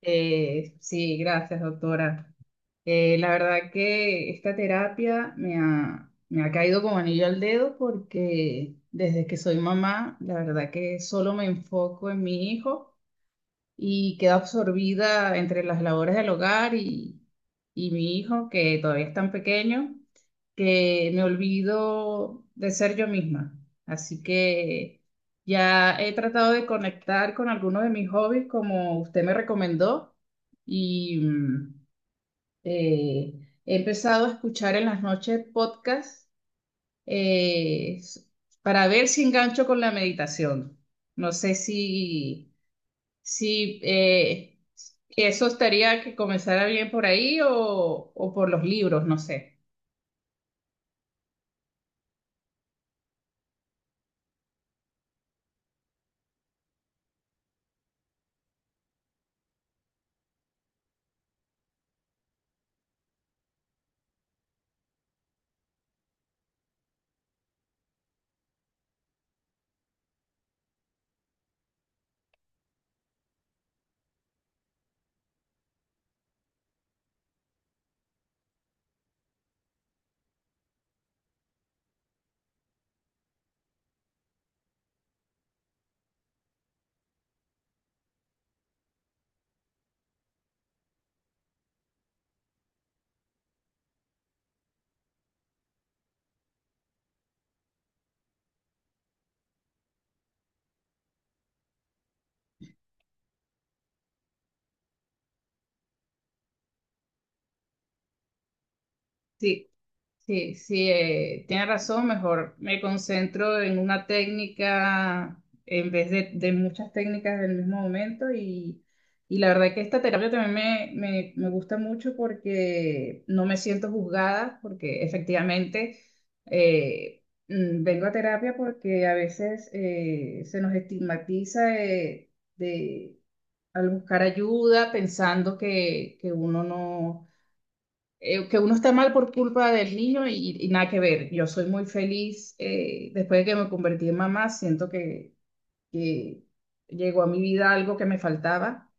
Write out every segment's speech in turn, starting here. Sí, gracias, doctora. La verdad que esta terapia me ha caído como anillo al dedo porque desde que soy mamá, la verdad que solo me enfoco en mi hijo y quedo absorbida entre las labores del hogar y mi hijo, que todavía es tan pequeño, que me olvido de ser yo misma. Así que ya he tratado de conectar con alguno de mis hobbies, como usted me recomendó, y eh, he empezado a escuchar en las noches podcasts eh, s- para ver si engancho con la meditación. No sé si... Sí, eso estaría que comenzara bien por ahí o por los libros, no sé. Sí. Sí, sí, tiene razón, mejor me concentro en una técnica en vez de muchas técnicas del mismo momento y la verdad que esta terapia también me gusta mucho porque no me siento juzgada, porque efectivamente vengo a terapia porque a veces se nos estigmatiza de, al buscar ayuda pensando que uno no que uno está mal por culpa del niño y nada que ver. Yo soy muy feliz después de que me convertí en mamá, siento que llegó a mi vida algo que me faltaba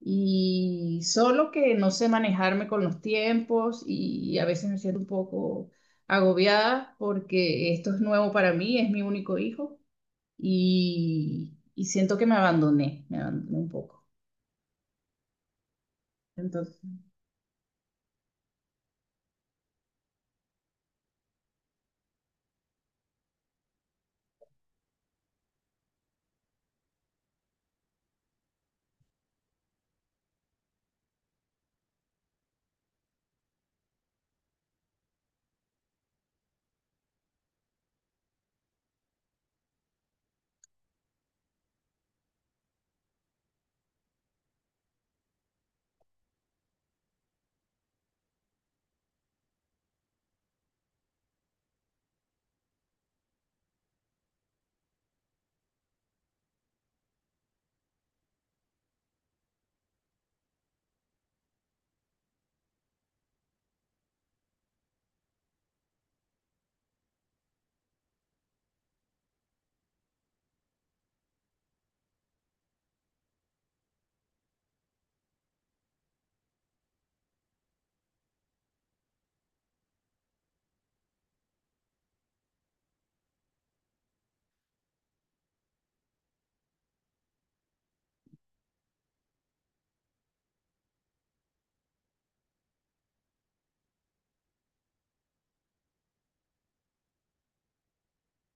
y solo que no sé manejarme con los tiempos y a veces me siento un poco agobiada porque esto es nuevo para mí, es mi único hijo y siento que me abandoné un poco. Entonces,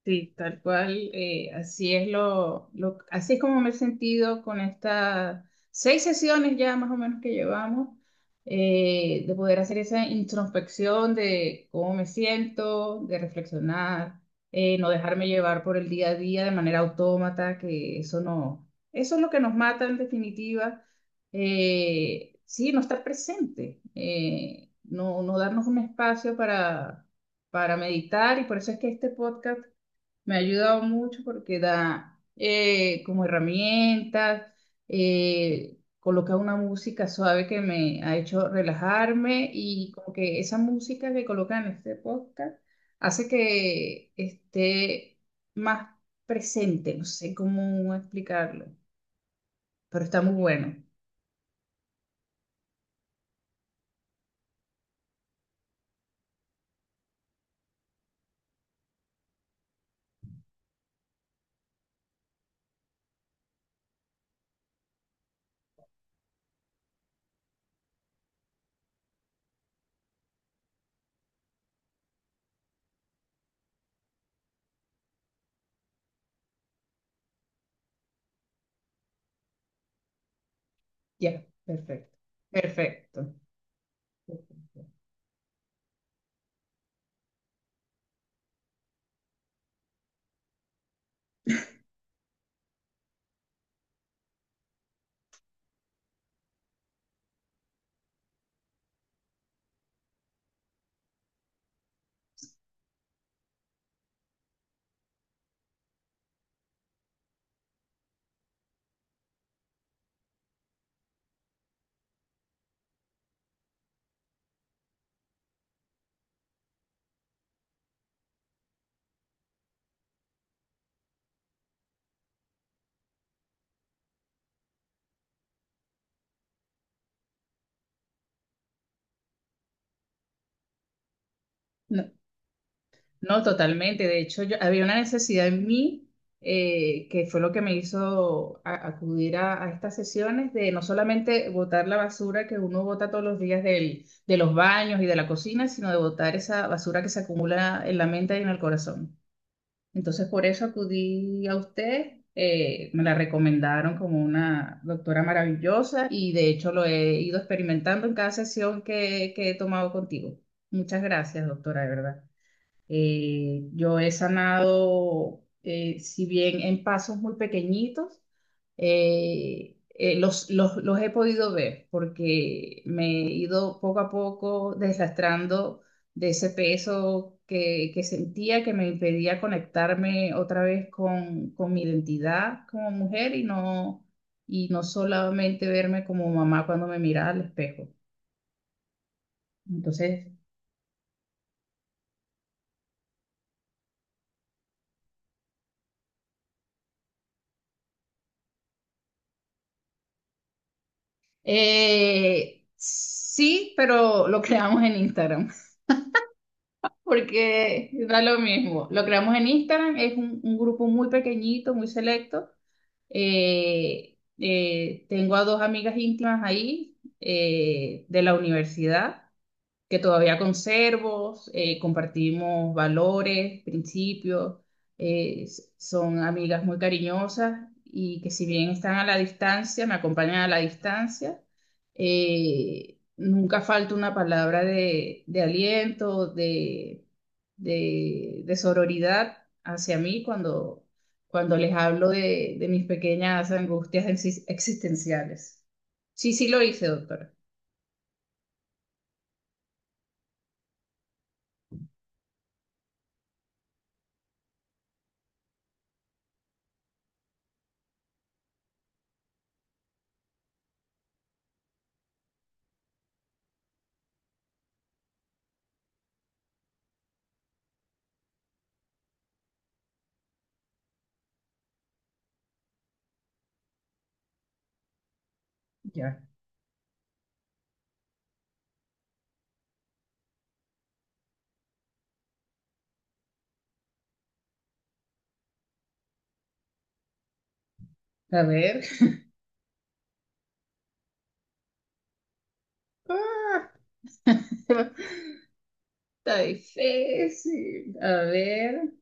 sí, tal cual, así es así es como me he sentido con estas 6 sesiones ya más o menos que llevamos, de poder hacer esa introspección de cómo me siento, de reflexionar, no dejarme llevar por el día a día de manera autómata, que eso no, eso es lo que nos mata en definitiva, sí, no estar presente, no darnos un espacio para meditar y por eso es que este podcast me ha ayudado mucho porque da como herramientas, coloca una música suave que me ha hecho relajarme y como que esa música que coloca en este podcast hace que esté más presente, no sé cómo explicarlo, pero está muy bueno. Ya, perfecto, perfecto. No, totalmente. De hecho, yo, había una necesidad en mí que fue lo que me hizo acudir a estas sesiones de no solamente botar la basura que uno bota todos los días de los baños y de la cocina, sino de botar esa basura que se acumula en la mente y en el corazón. Entonces, por eso acudí a usted. Me la recomendaron como una doctora maravillosa y de hecho lo he ido experimentando en cada sesión que he tomado contigo. Muchas gracias, doctora, de verdad. Yo he sanado, si bien en pasos muy pequeñitos, los he podido ver porque me he ido poco a poco deslastrando de ese peso que sentía que me impedía conectarme otra vez con mi identidad como mujer y no solamente verme como mamá cuando me miraba al espejo. Entonces, sí, pero lo creamos en Instagram, porque da lo mismo. Lo creamos en Instagram, es un grupo muy pequeñito, muy selecto. Tengo a 2 amigas íntimas ahí, de la universidad que todavía conservo, compartimos valores, principios, son amigas muy cariñosas y que si bien están a la distancia, me acompañan a la distancia, nunca falta una palabra de aliento, de sororidad hacia mí cuando, cuando les hablo de mis pequeñas angustias existenciales. Sí, sí lo hice, doctora. Ya. A ver. Está difícil. A ver.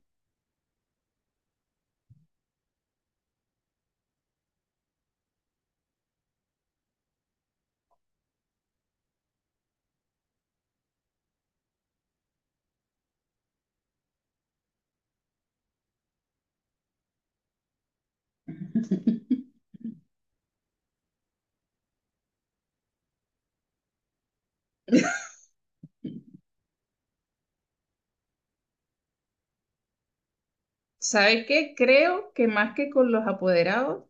¿Sabes qué? Creo que más que con los apoderados,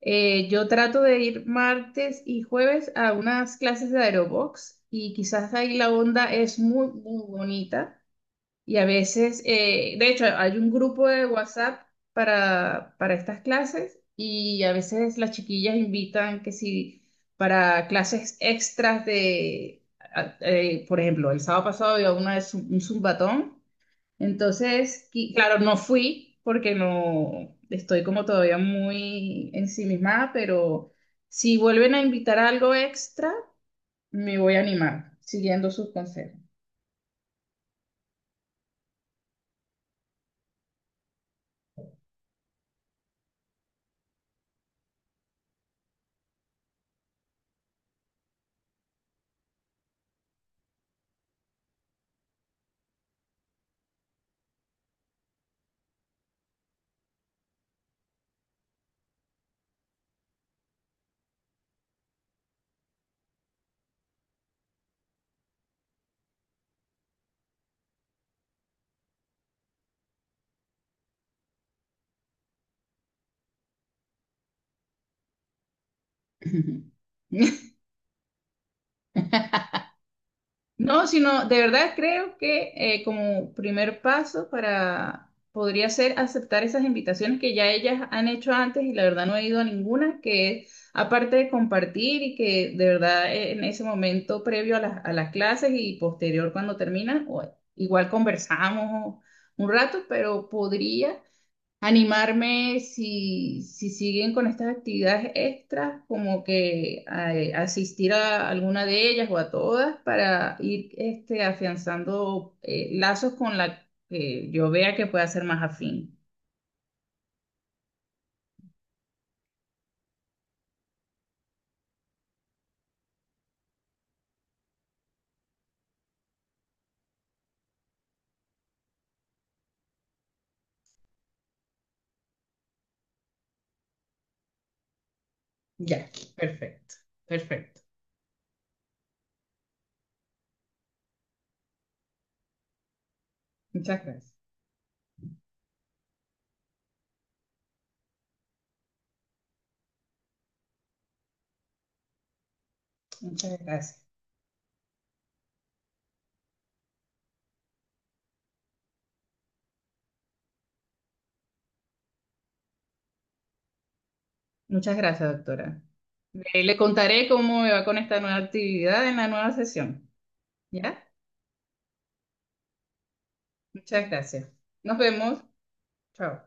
yo trato de ir martes y jueves a unas clases de aerobox y quizás ahí la onda es muy, muy bonita. Y a veces, de hecho, hay un grupo de WhatsApp para estas clases y a veces las chiquillas invitan que si para clases extras por ejemplo, el sábado pasado había una de un zumbatón, entonces, claro, no fui porque no estoy como todavía muy ensimismada, pero si vuelven a invitar a algo extra, me voy a animar, siguiendo sus consejos. No, sino de verdad creo que como primer paso para podría ser aceptar esas invitaciones que ya ellas han hecho antes y la verdad no he ido a ninguna, que es aparte de compartir y que de verdad, en ese momento previo a a las clases y posterior cuando termina, o- igual conversamos un rato, pero podría. Animarme si, si siguen con estas actividades extras, como que asistir a alguna de ellas o a todas para ir este, afianzando, lazos con la que yo vea que pueda ser más afín. Ya, perfecto, perfecto. Muchas gracias. Muchas gracias. Muchas gracias, doctora. Le contaré cómo me va con esta nueva actividad en la nueva sesión. ¿Ya? Muchas gracias. Nos vemos. Chao.